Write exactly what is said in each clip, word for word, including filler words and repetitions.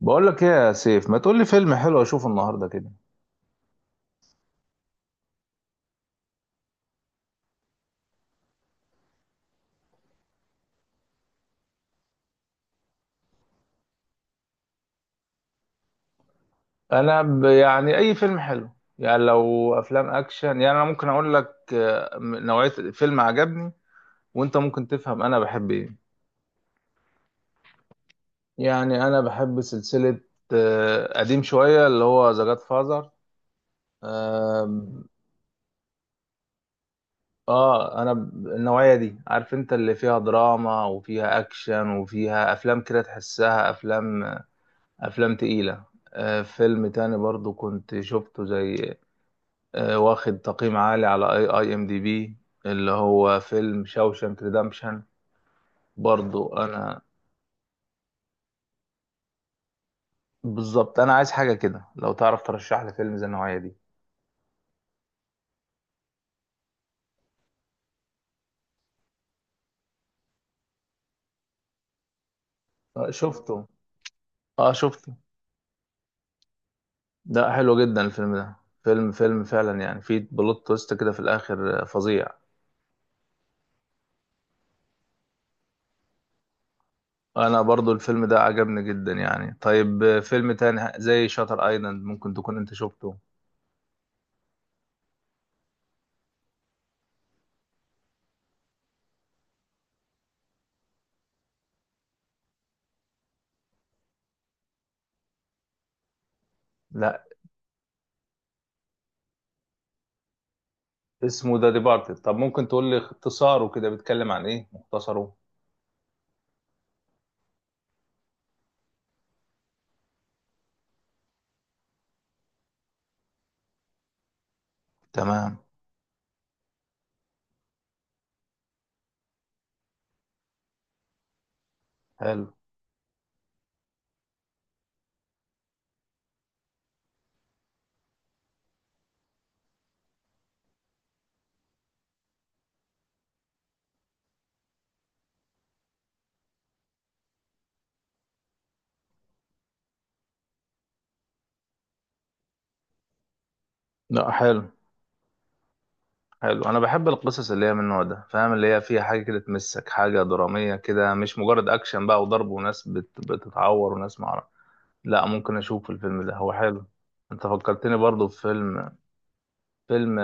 بقول لك ايه يا سيف؟ ما تقول لي فيلم حلو اشوفه النهارده كده. انا ب... يعني اي فيلم حلو. يعني لو افلام اكشن، يعني انا ممكن اقول لك آه، نوعية فيلم عجبني، وانت ممكن تفهم انا بحب ايه. يعني انا بحب سلسلة آه، قديم شوية اللي هو ذا جاد فازر. اه. آه، انا ب- النوعية دي، عارف انت اللي فيها دراما وفيها اكشن وفيها افلام كده تحسها افلام آه، افلام تقيلة. آه، فيلم تاني برضو كنت شفته، زي آه، واخد تقييم عالي على اي اي ام دي بي، اللي هو فيلم شاوشانك ريدمبشن. برضو انا، بالظبط انا عايز حاجه كده، لو تعرف ترشح لي فيلم زي النوعيه دي. آه، شفته. اه شفته. ده حلو جدا الفيلم ده. فيلم فيلم فعلا، يعني فيه بلوت تويست كده في الاخر آه، فظيع. انا برضو الفيلم ده عجبني جدا يعني. طيب، آه، فيلم تاني ه- زي شاتر ايلاند، ممكن تكون انت شفته؟ لا. اسمه ذا ديبارتد. طب ممكن تقول لي اختصاره كده، بيتكلم عن ايه مختصره؟ تمام. حلو. لا، حلو. حلو. انا بحب القصص اللي هي من النوع ده، فاهم؟ اللي هي فيها حاجه كده تمسك، حاجه دراميه كده، مش مجرد اكشن بقى وضرب وناس بت... بتتعور وناس معرف. لا، ممكن اشوف الفيلم ده، هو حلو. انت فكرتني برضو بفيلم. فيلم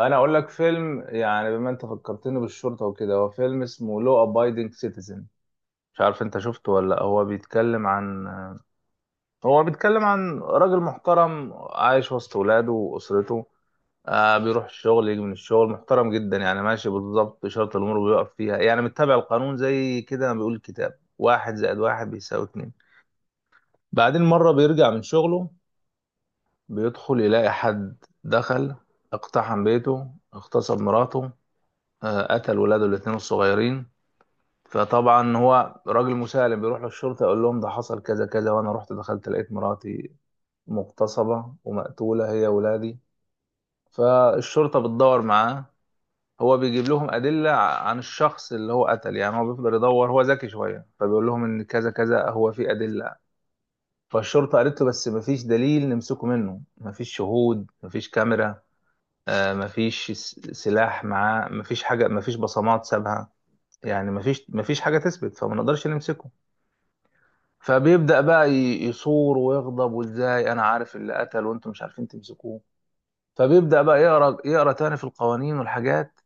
انا اقول لك فيلم، يعني بما انت فكرتني بالشرطه وكده، هو فيلم اسمه لو ابايدنج سيتيزن. مش عارف انت شفته ولا لأ. هو بيتكلم عن هو بيتكلم عن راجل محترم عايش وسط ولاده واسرته. آه بيروح الشغل يجي من الشغل، محترم جدا يعني، ماشي بالظبط شرط الأمور بيقف فيها يعني، متبع القانون، زي كده ما بيقول الكتاب واحد زائد واحد بيساوي اتنين. بعدين مرة بيرجع من شغله، بيدخل يلاقي حد دخل، اقتحم بيته، اغتصب مراته، آه قتل ولاده الاتنين الصغيرين. فطبعا هو راجل مسالم، بيروح للشرطة يقول لهم ده حصل كذا كذا، وأنا رحت دخلت لقيت مراتي مغتصبة ومقتولة، هي ولادي. فالشرطة بتدور معاه، هو بيجيب لهم أدلة ع- عن الشخص اللي هو قتل، يعني هو بيفضل يدور، هو ذكي شوية، فبيقول لهم إن كذا كذا، هو في أدلة. فالشرطة قالت له بس مفيش دليل نمسكه منه، مفيش شهود، مفيش كاميرا، آه، مفيش س- سلاح معاه، مفيش حاجة، مفيش بصمات سابها، يعني مفيش مفيش حاجة تثبت، فما نقدرش نمسكه. فبيبدأ بقى ي- يصور ويغضب، وإزاي أنا عارف اللي قتل وأنتم مش عارفين تمسكوه؟ فبيبدأ بقى يقرأ يقرأ تاني في القوانين والحاجات،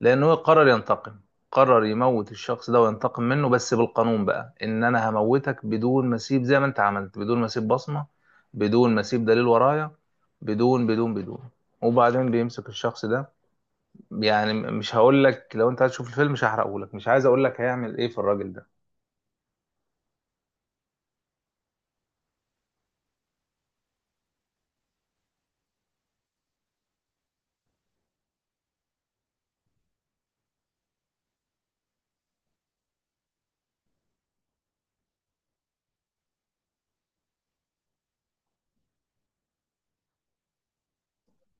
لان هو قرر ينتقم، قرر يموت الشخص ده وينتقم منه، بس بالقانون بقى، ان انا هموتك بدون ما اسيب، زي ما انت عملت، بدون ما اسيب بصمة، بدون ما اسيب دليل ورايا، بدون بدون بدون. وبعدين بيمسك الشخص ده، يعني م- مش هقول لك، لو انت هتشوف الفيلم مش هحرقه لك، مش عايز اقول لك هيعمل ايه في الراجل ده.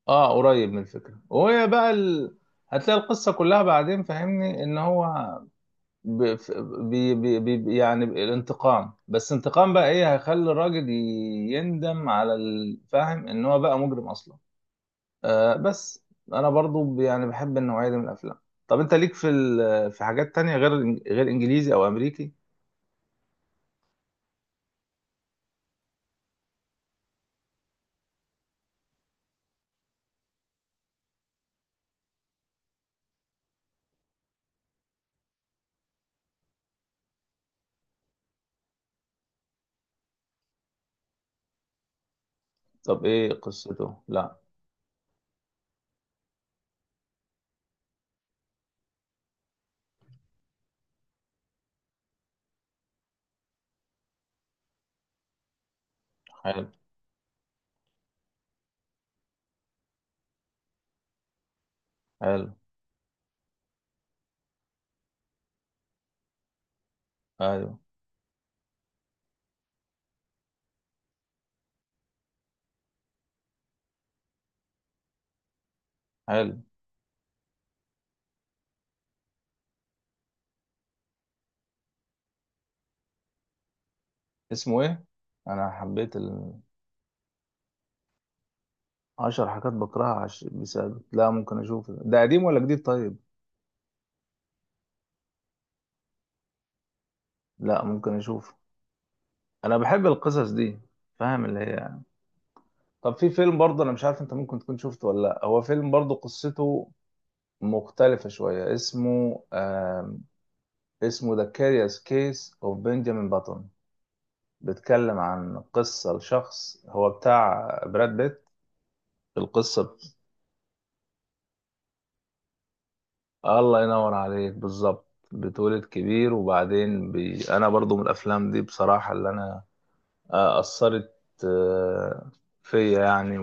اه قريب من الفكرة. وهي بقى ال... هتلاقي القصة كلها بعدين، فاهمني؟ ان هو ب... ف- بي... بي... بي... يعني الانتقام، بس انتقام بقى ايه هيخلي الراجل ي- يندم على الفاهم ان هو بقى مجرم اصلا. آه بس. انا برضو ب- يعني بحب النوعية دي من الافلام. طب انت ليك في ال... في حاجات تانية غير الإنج- غير انجليزي او امريكي؟ طب ايه قصته؟ لا، حلو. حلو. ايوه. حلو. اسمه ايه؟ انا حبيت ال... عشر حاجات بكرهها. عش... بسبب، لا، ممكن اشوفه. ده قديم ولا جديد؟ طيب، لا ممكن اشوفه. انا بحب القصص دي، فاهم اللي هي. طب في فيلم برضه، انا مش عارف انت ممكن تكون شفته ولا لا، هو فيلم برضه قصته مختلفة شوية، اسمه آم، اسمه The Curious Case of Benjamin Button. بيتكلم عن قصة لشخص، هو بتاع براد بيت. القصة ب- الله ينور عليك، بالظبط. بتولد كبير وبعدين بي... انا برضو من الافلام دي بصراحة اللي انا آه، اثرت آه، فيا يعني.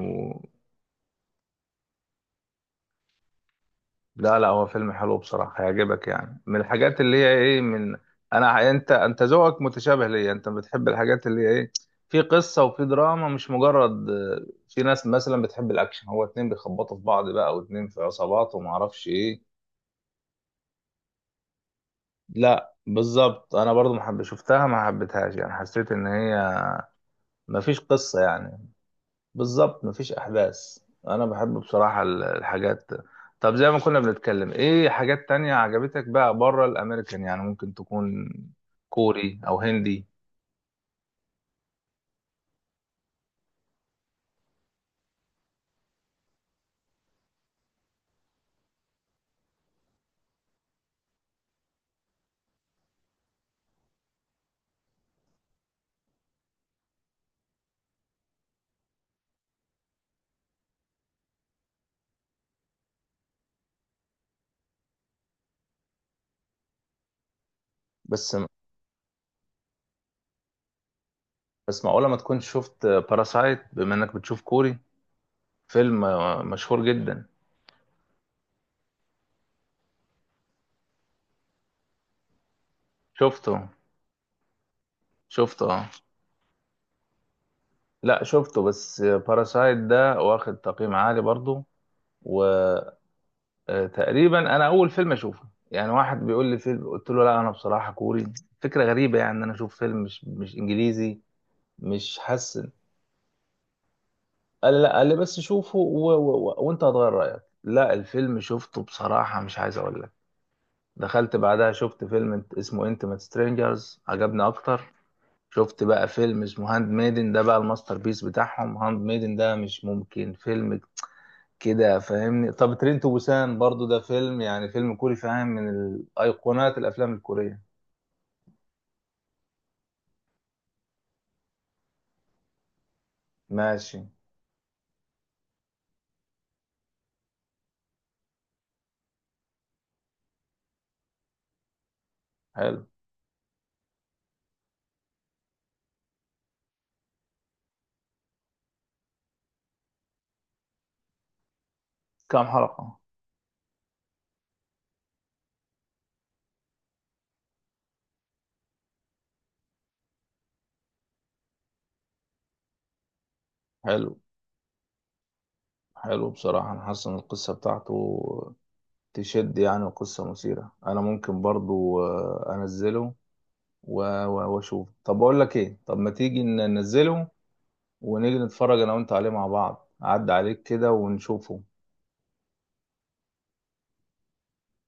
لا لا، هو فيلم حلو بصراحة، هيعجبك. يعني من الحاجات اللي هي ايه، من انا انت، انت ذوقك متشابه ليا، انت بتحب الحاجات اللي هي ايه: في قصة وفي دراما، مش مجرد آه، في ناس مثلا بتحب الاكشن، هو اتنين بيخبطوا في بعض بقى، واتنين في عصابات، وما اعرفش ايه. لا بالظبط، انا برضو ما حب شفتها ما حبيتهاش، يعني حسيت ان هي ما فيش قصة يعني. بالظبط، مفيش احداث. انا بحب بصراحة ال- الحاجات. طب زي ما كنا بنتكلم، ايه حاجات تانية عجبتك بقى بره الامريكان، يعني ممكن تكون كوري او هندي؟ بس، بس معقولة ما تكونش شفت باراسايت بما انك بتشوف كوري؟ فيلم مشهور جدا. شفته؟ شفته اه. لا شفته. بس باراسايت ده واخد تقييم عالي برضو، و آه، تقريبا انا اول فيلم اشوفه، يعني واحد بيقول لي فيلم قلت له لا، انا بصراحه كوري فكره غريبه يعني، ان انا اشوف فيلم مش مش انجليزي، مش حسن. قال لي لا، قال لي بس شوفه و... و... و... وانت هتغير رايك. لا الفيلم شفته بصراحه، مش عايز اقول لك، دخلت بعدها شفت فيلم اسمه انتيمate سترينجرز، عجبني اكتر. شفت بقى فيلم اسمه هاند ميدن، ده بقى الماستر بيس بتاعهم، هاند ميدن ده مش ممكن فيلم كده، فاهمني؟ طب ترين تو بوسان برضو ده فيلم، يعني فيلم كوري فاهم، من الايقونات الافلام الكورية. ماشي. حلو. كام حلقة؟ حلو. حلو بصراحة، انا حاسس ان القصة بتاعته تشد، يعني القصة مثيرة، انا ممكن برضو آه، انزله و- و- واشوف. طب بقول لك ايه، طب ما تيجي ننزله ونيجي نتفرج انا وانت عليه مع بعض، اعد عليك كده ونشوفه.